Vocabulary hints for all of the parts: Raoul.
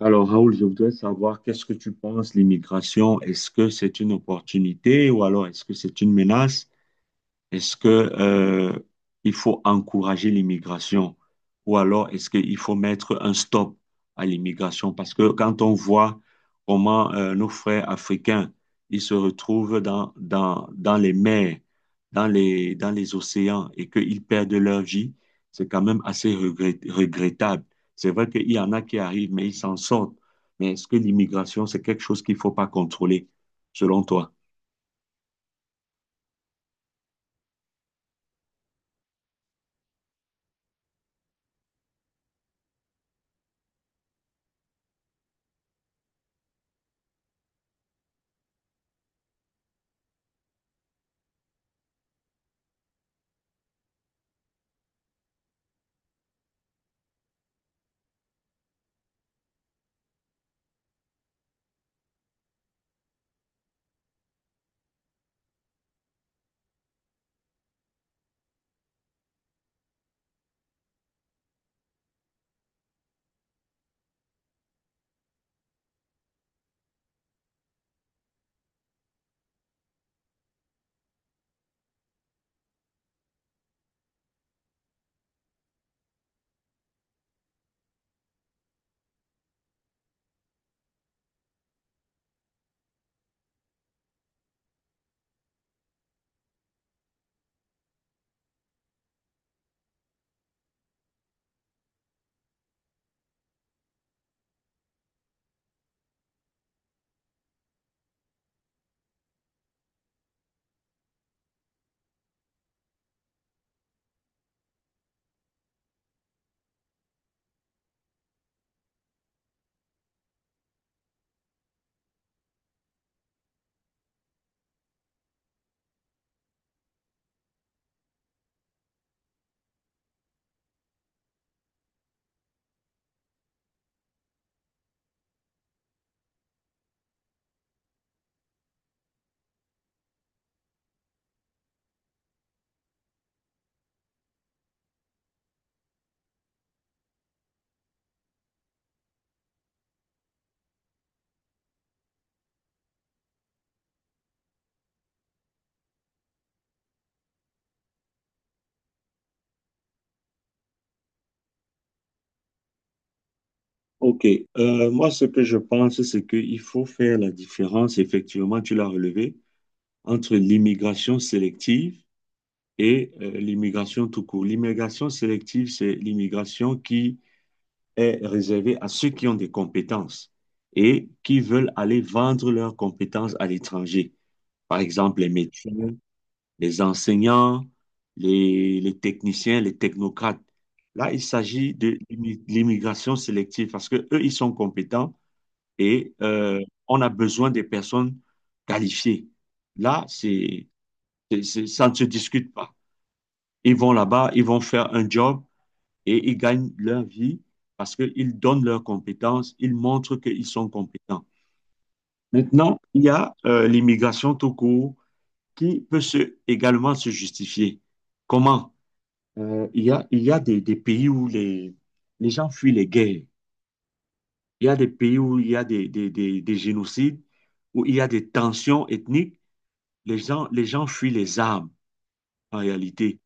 Alors, Raoul, je voudrais savoir qu'est-ce que tu penses, l'immigration? Est-ce que c'est une opportunité ou alors est-ce que c'est une menace? Est-ce que, il faut encourager l'immigration ou alors est-ce qu'il faut mettre un stop à l'immigration? Parce que quand on voit comment nos frères africains, ils se retrouvent dans les mers, dans les océans et qu'ils perdent leur vie, c'est quand même assez regrettable. C'est vrai qu'il y en a qui arrivent, mais ils s'en sortent. Mais est-ce que l'immigration, c'est quelque chose qu'il ne faut pas contrôler, selon toi? Ok. Moi ce que je pense, c'est qu'il faut faire la différence, effectivement, tu l'as relevé, entre l'immigration sélective et l'immigration tout court. L'immigration sélective, c'est l'immigration qui est réservée à ceux qui ont des compétences et qui veulent aller vendre leurs compétences à l'étranger. Par exemple, les médecins, les enseignants, les techniciens, les technocrates. Là, il s'agit de l'immigration sélective parce que eux, ils sont compétents et on a besoin des personnes qualifiées. Là, ça ne se discute pas. Ils vont là-bas, ils vont faire un job et ils gagnent leur vie parce qu'ils donnent leurs compétences, ils montrent qu'ils sont compétents. Maintenant, il y a l'immigration tout court qui peut également se justifier. Comment? Il y a, des pays où les gens fuient les guerres. Il y a des pays où il y a des des génocides, où il y a des tensions ethniques. Les gens fuient les armes, en réalité.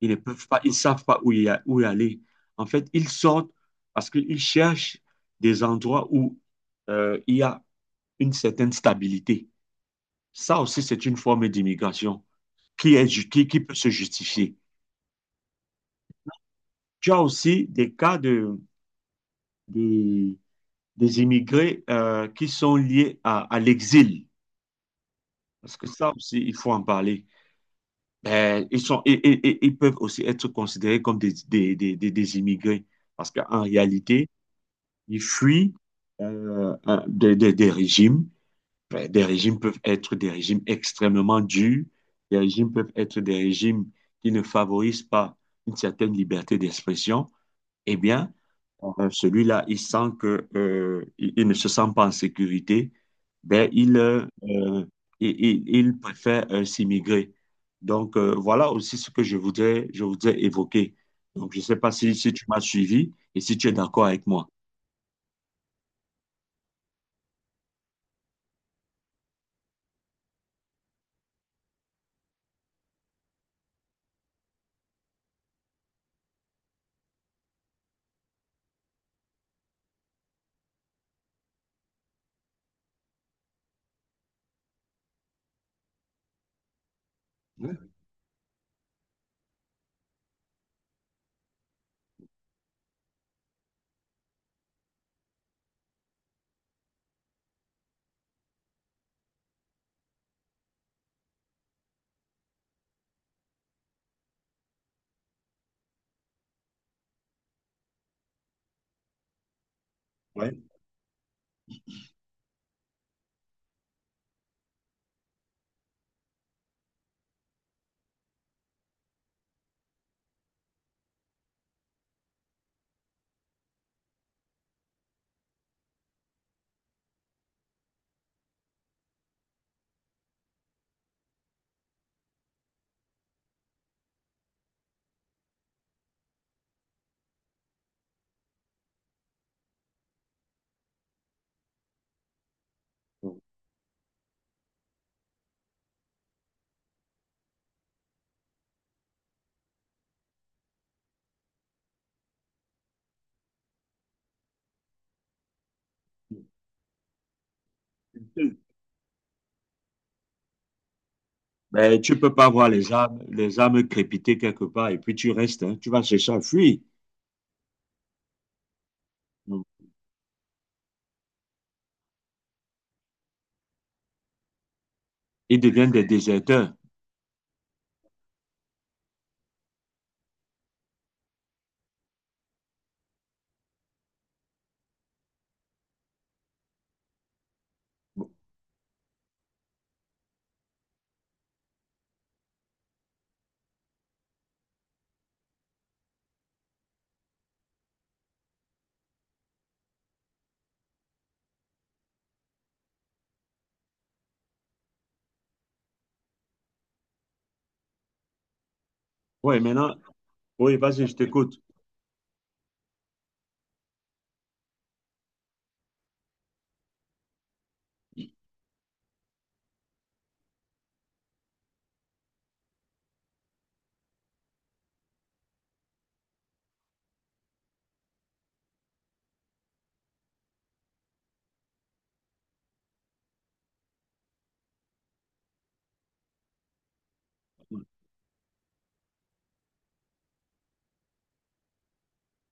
Ils ne peuvent pas, ils ne savent pas où, où y aller. En fait, ils sortent parce qu'ils cherchent des endroits où il y a une certaine stabilité. Ça aussi, c'est une forme d'immigration qui est, qui peut se justifier. Tu as aussi des cas de- des immigrés qui sont liés à l'exil. Parce que ça aussi, il faut en parler. Ben, ils sont, ils peuvent aussi être considérés comme des immigrés parce qu'en réalité, ils fuient des régimes. Ben, des régimes peuvent être des régimes extrêmement durs, des régimes peuvent être des régimes qui ne favorisent pas une certaine liberté d'expression. Eh bien, celui-là, il sent que il ne se sent pas en sécurité. Ben, il préfère s'immigrer. Donc, voilà aussi ce que je voudrais évoquer. Donc, je ne sais pas si, si tu m'as suivi et si tu es d'accord avec moi. Ouais. Ouais. Ben, tu peux pas voir les âmes crépiter quelque part et puis tu restes, hein. Tu vas chercher à fuir. Ils deviennent des déserteurs. Oui, maintenant, oui, vas-y, je t'écoute.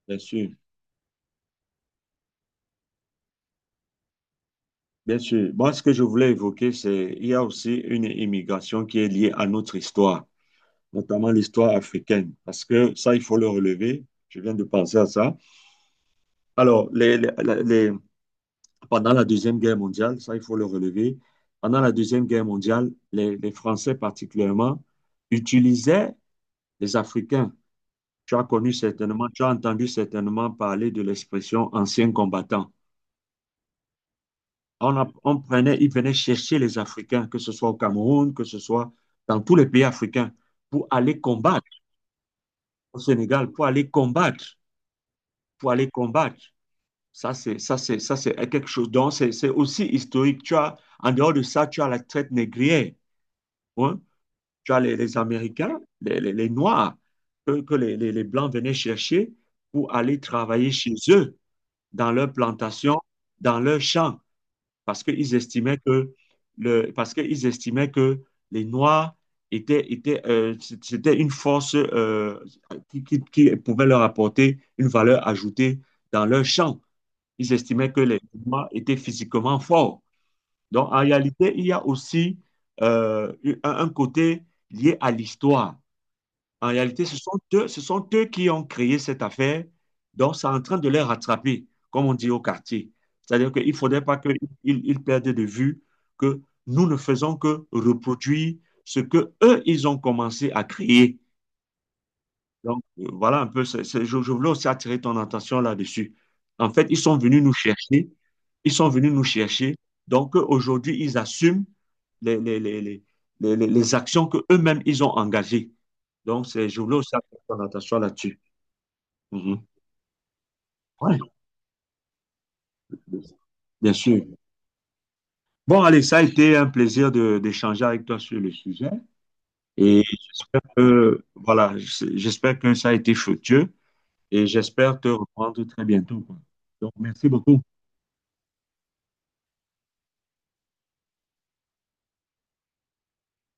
Bien sûr. Bien sûr. Moi, ce que je voulais évoquer, c'est il y a aussi une immigration qui est liée à notre histoire, notamment l'histoire africaine, parce que ça, il faut le relever. Je viens de penser à ça. Alors, les- pendant la Deuxième Guerre mondiale, ça, il faut le relever. Pendant la Deuxième Guerre mondiale, les Français particulièrement utilisaient les Africains. Tu as connu certainement, tu as entendu certainement parler de l'expression ancien combattant. On prenait, ils venaient chercher les Africains, que ce soit au Cameroun, que ce soit dans tous les pays africains, pour aller combattre au Sénégal, pour aller combattre, pour aller combattre. Ça, c'est quelque chose. Donc, c'est aussi historique. Tu as, en dehors de ça, tu as la traite négrière, hein. Tu as les Américains, les Noirs, que les Blancs venaient chercher pour aller travailler chez eux, dans leurs plantations, dans leurs champs, parce qu'ils estimaient que le, parce qu'ils estimaient que les Noirs c'était une force qui pouvait leur apporter une valeur ajoutée dans leur champ. Ils estimaient que les Noirs étaient physiquement forts. Donc, en réalité, il y a aussi euh, un côté lié à l'histoire. En réalité, ce sont eux qui ont créé cette affaire, donc c'est en train de les rattraper, comme on dit au quartier. C'est-à-dire qu'il ne faudrait pas qu'ils ils perdent de vue que nous ne faisons que reproduire ce que eux, ils ont commencé à créer. Donc, voilà un peu, je voulais aussi attirer ton attention là-dessus. En fait, ils sont venus nous chercher. Ils sont venus nous chercher. Donc, aujourd'hui, ils assument les, les, les, les, les actions qu'eux-mêmes, ils ont engagées. Donc, c'est, je voulais aussi attirer ton attention là-dessus. Mhm. Ouais, bien sûr. Bon, allez, ça a été un plaisir d'échanger avec toi sur le sujet. Et j'espère que, voilà, j'espère que ça a été fructueux et j'espère te reprendre très bientôt, quoi. Donc, merci beaucoup.